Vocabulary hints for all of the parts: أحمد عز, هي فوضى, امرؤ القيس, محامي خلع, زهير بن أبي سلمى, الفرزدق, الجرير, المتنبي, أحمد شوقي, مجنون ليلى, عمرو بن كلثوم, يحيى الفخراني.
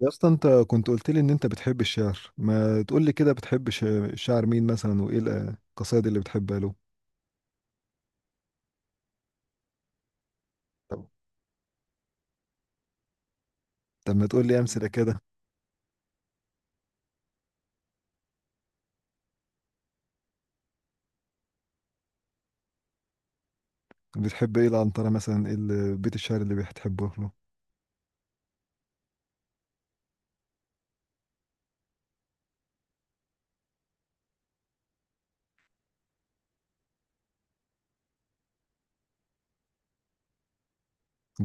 يا اسطى، انت كنت قلت لي ان انت بتحب الشعر. ما تقول لي كده، بتحب الشاعر مين مثلا، وايه القصائد اللي بتحبها له؟ طب. طب ما تقول لي امثله كده؟ بتحب ايه العنتره مثلا؟ ايه بيت الشعر اللي بتحبه له؟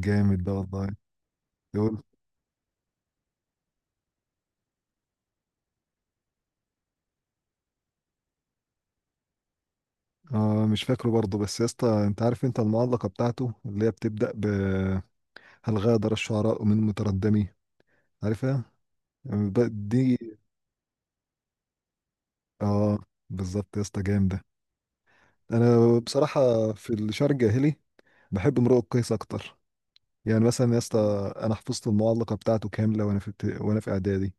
جامد ده والله. يقول. اه، مش فاكره برضه. بس يا اسطى، انت عارف انت المعلقه بتاعته اللي هي بتبدا ب: هل غادر الشعراء من متردمي؟ عارفها؟ دي. اه، بالظبط يا اسطى، جامده. انا بصراحه في الشعر الجاهلي بحب امرؤ القيس اكتر. يعني مثلا يا اسطى، انا حفظت المعلقه بتاعته كامله، وانا في وانا في اعدادي.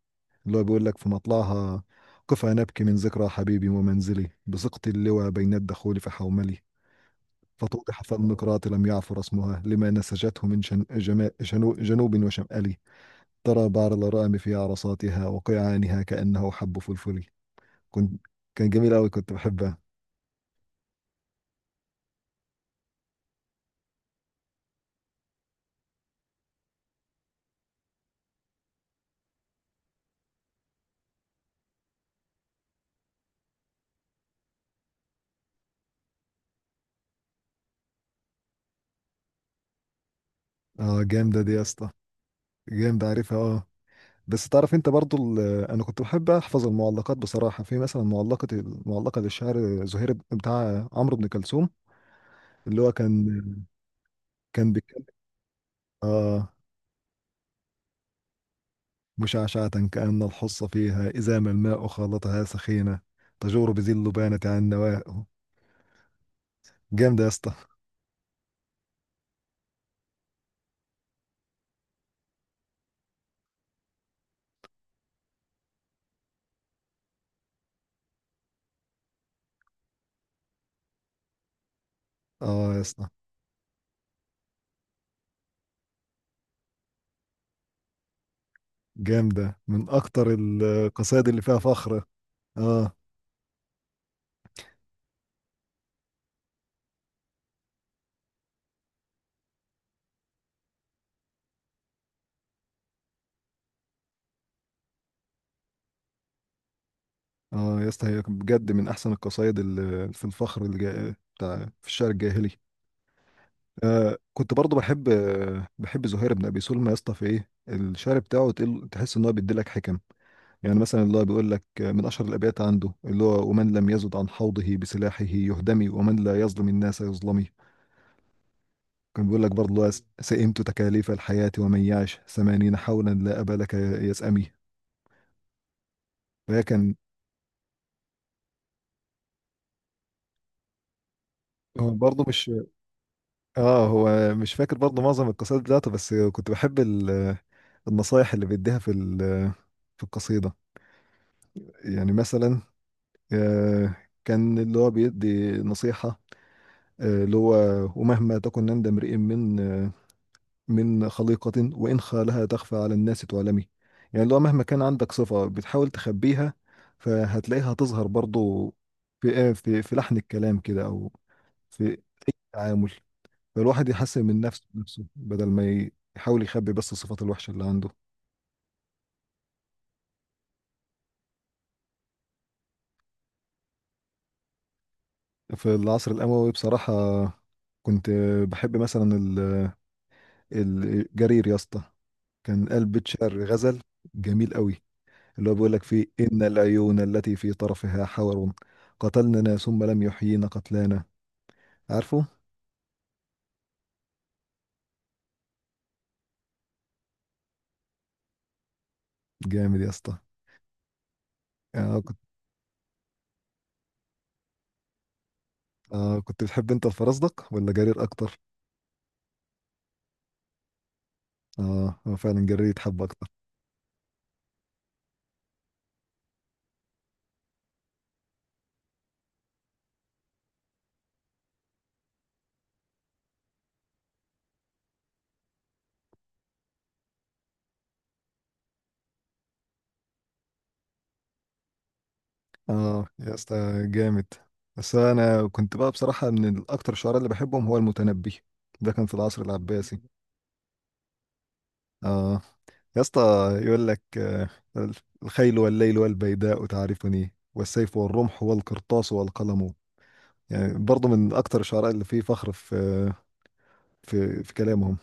اللي هو بيقول لك في مطلعها: قف نبكي من ذكرى حبيبي ومنزلي بسقط اللوى بين الدخول فحوملي، فتوضح فالنقرات لم يعثر اسمها لما نسجته من جن جما- جنو جنوب وشمالي، ترى بعر الغرام في عرصاتها وقيعانها كأنه حب فلفلي. كنت كان جميل قوي، كنت بحبها. اه، جامده دي يا اسطى. جامده، عارفها اه. بس تعرف انت برضو انا كنت بحب احفظ المعلقات بصراحه. في مثلا المعلقه للشاعر زهير بتاع عمرو بن كلثوم، اللي هو كان، بيتكلم. اه، مشعشعة كأن الحص فيها إذا ما الماء خالطها سخينة، تجور بذي اللبانة عن نوائه. جامدة يا اسطى. اه يا اسطى، جامدة من أكتر القصائد اللي فيها فخر. اه. اه يا اسطى، هي بجد من أحسن القصائد اللي في الفخر اللي بتاع في الشعر الجاهلي. آه كنت برضو بحب، بحب زهير بن ابي سلمى يا اسطى. في ايه الشعر بتاعه، تحس ان هو بيديلك حكم. يعني مثلا اللي هو بيقول لك، من اشهر الابيات عنده اللي هو: ومن لم يزد عن حوضه بسلاحه يهدمي، ومن لا يظلم الناس يظلمي. كان بيقول لك برضه اللي هو سئمت تكاليف الحياة، ومن يعش ثمانين حولا لا أبا لك يسأمي. فهي كان هو برضه مش اه، هو مش فاكر برضه معظم القصائد بتاعته. بس كنت بحب النصايح اللي بيديها في في القصيدة. يعني مثلا، آه، كان اللي هو بيدي نصيحة. اللي هو: ومهما تكن عند امرئ من من خليقة وإن خالها تخفى على الناس تعلمي. يعني اللي هو، مهما كان عندك صفة بتحاول تخبيها، فهتلاقيها تظهر برضو في في لحن الكلام كده، أو في التعامل. فالواحد يحسن من نفسه، بدل ما يحاول يخبي بس الصفات الوحشة اللي عنده. في العصر الأموي بصراحة كنت بحب مثلا الجرير يا اسطى. كان قلب شعر غزل جميل قوي. اللي هو بيقول لك فيه: إن العيون التي في طرفها حور قتلننا ثم لم يحيينا قتلانا. عارفه؟ جامد يا اسطى. آه كنت آه كنت بتحب انت الفرزدق ولا جرير اكتر؟ اه، هو فعلا جرير يتحب اكتر. اه يا اسطى، جامد. بس انا كنت بقى بصراحة من الاكتر، الشعراء اللي بحبهم هو المتنبي. ده كان في العصر العباسي. اه يا اسطى، يقول لك الخيل والليل والبيداء تعرفني، والسيف والرمح والقرطاس والقلم. يعني برضه من اكتر الشعراء اللي فيه فخر في في كلامهم.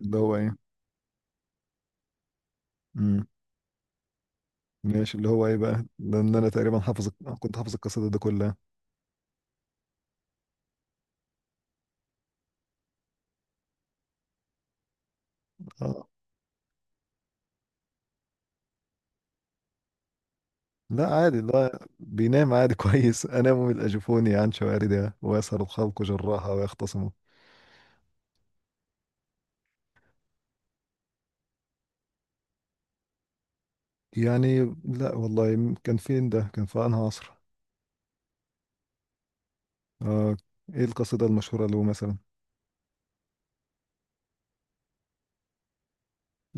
اللي هو ايه؟ امم. ماشي، اللي هو ايه بقى؟ لان انا تقريبا حافظ، كنت حافظ القصيده دي كلها. اه. لا، عادي، لا بينام عادي. كويس، انام من اجفوني عن شواردها ويسهر الخلق جراها ويختصموا. يعني، لا والله، كان فين ده؟ كان في انهي عصر؟ آه. ايه القصيده المشهوره له مثلا؟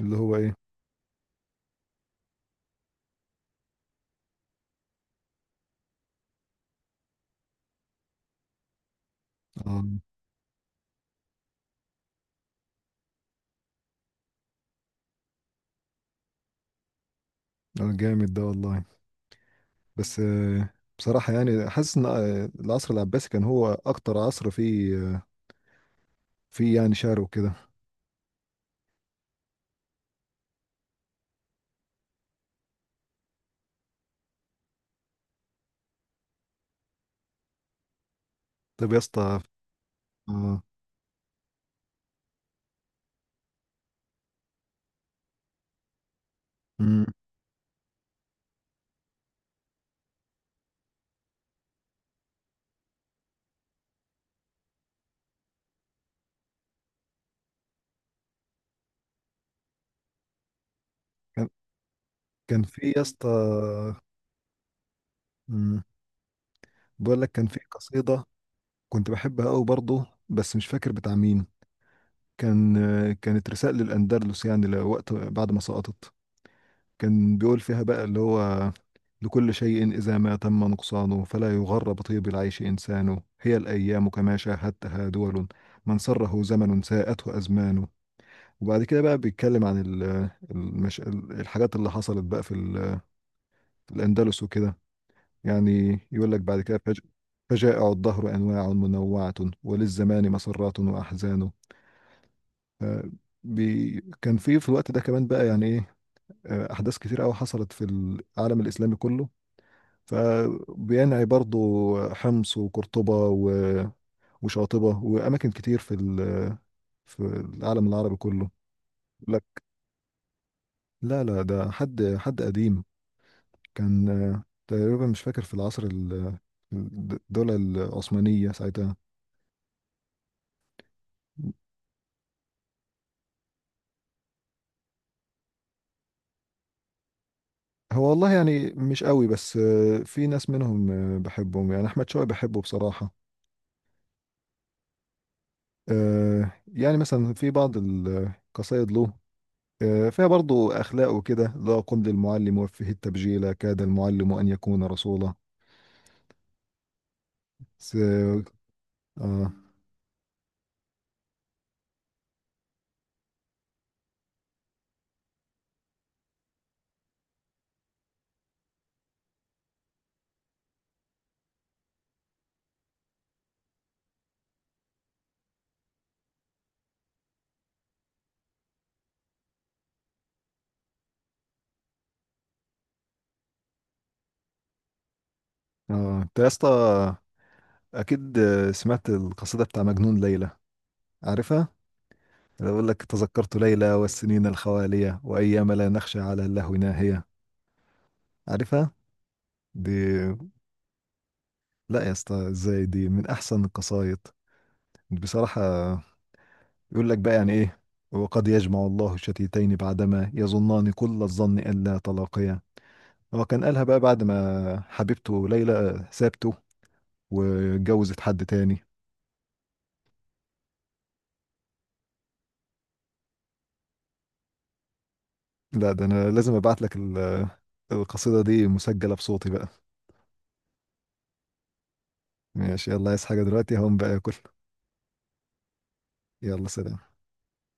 اللي هو ايه؟ اه. آه، جامد ده والله. بس بصراحة يعني حاسس ان العصر العباسي كان هو اكتر عصر فيه فيه يعني شعر وكده. طب يا اسطى. آه، مم، كان كان في يا اسطى، مم، بقول لك كان في قصيدة كنت بحبها قوي برضه، بس مش فاكر بتاع مين. كان كانت رسالة للأندلس، يعني لوقت بعد ما سقطت. كان بيقول فيها بقى اللي هو: لكل شيء إذا ما تم نقصانه، فلا يغر بطيب العيش إنسانه، هي الأيام كما شاهدتها دول، من سره زمن ساءته أزمانه. وبعد كده بقى بيتكلم عن الحاجات اللي حصلت بقى في في الأندلس وكده. يعني يقول لك بعد كده فجائع الدهر أنواع منوعة، وللزمان مسرات وأحزان. ف- كان في الوقت ده كمان بقى، يعني إيه، أحداث كتير أوي حصلت في العالم الإسلامي كله. فبينعي برضو حمص وقرطبة وشاطبة وأماكن كتير في في العالم العربي كله. لك. لا، لا ده حد قديم. كان تقريبا مش فاكر، في العصر الدولة العثمانية ساعتها. هو والله يعني مش قوي، بس في ناس منهم بحبهم. يعني أحمد شوقي بحبه بصراحة. يعني مثلا في بعض القصايد له فيها برضو أخلاق وكده: لا، قم للمعلم وفه التبجيل، كاد المعلم أن يكون رسولا. س... آه. آه أنت يا اسطى، أكيد سمعت القصيدة بتاع مجنون ليلى. عارفها؟ أنا بقول لك: تذكرت ليلى والسنين الخوالية، وأيام لا نخشى على اللهو ناهية. عارفها؟ دي. لا يا اسطى، ازاي، دي من أحسن القصايد بصراحة. يقول لك بقى يعني إيه: وقد يجمع الله الشتيتين بعدما يظنان كل الظن ألا تلاقيا. هو كان قالها بقى بعد ما حبيبته ليلى سابته واتجوزت حد تاني. لا، ده انا لازم ابعت لك القصيدة دي مسجلة بصوتي بقى. ماشي. يلا، عايز حاجة دلوقتي؟ هقوم بقى اكل. يلا سلام.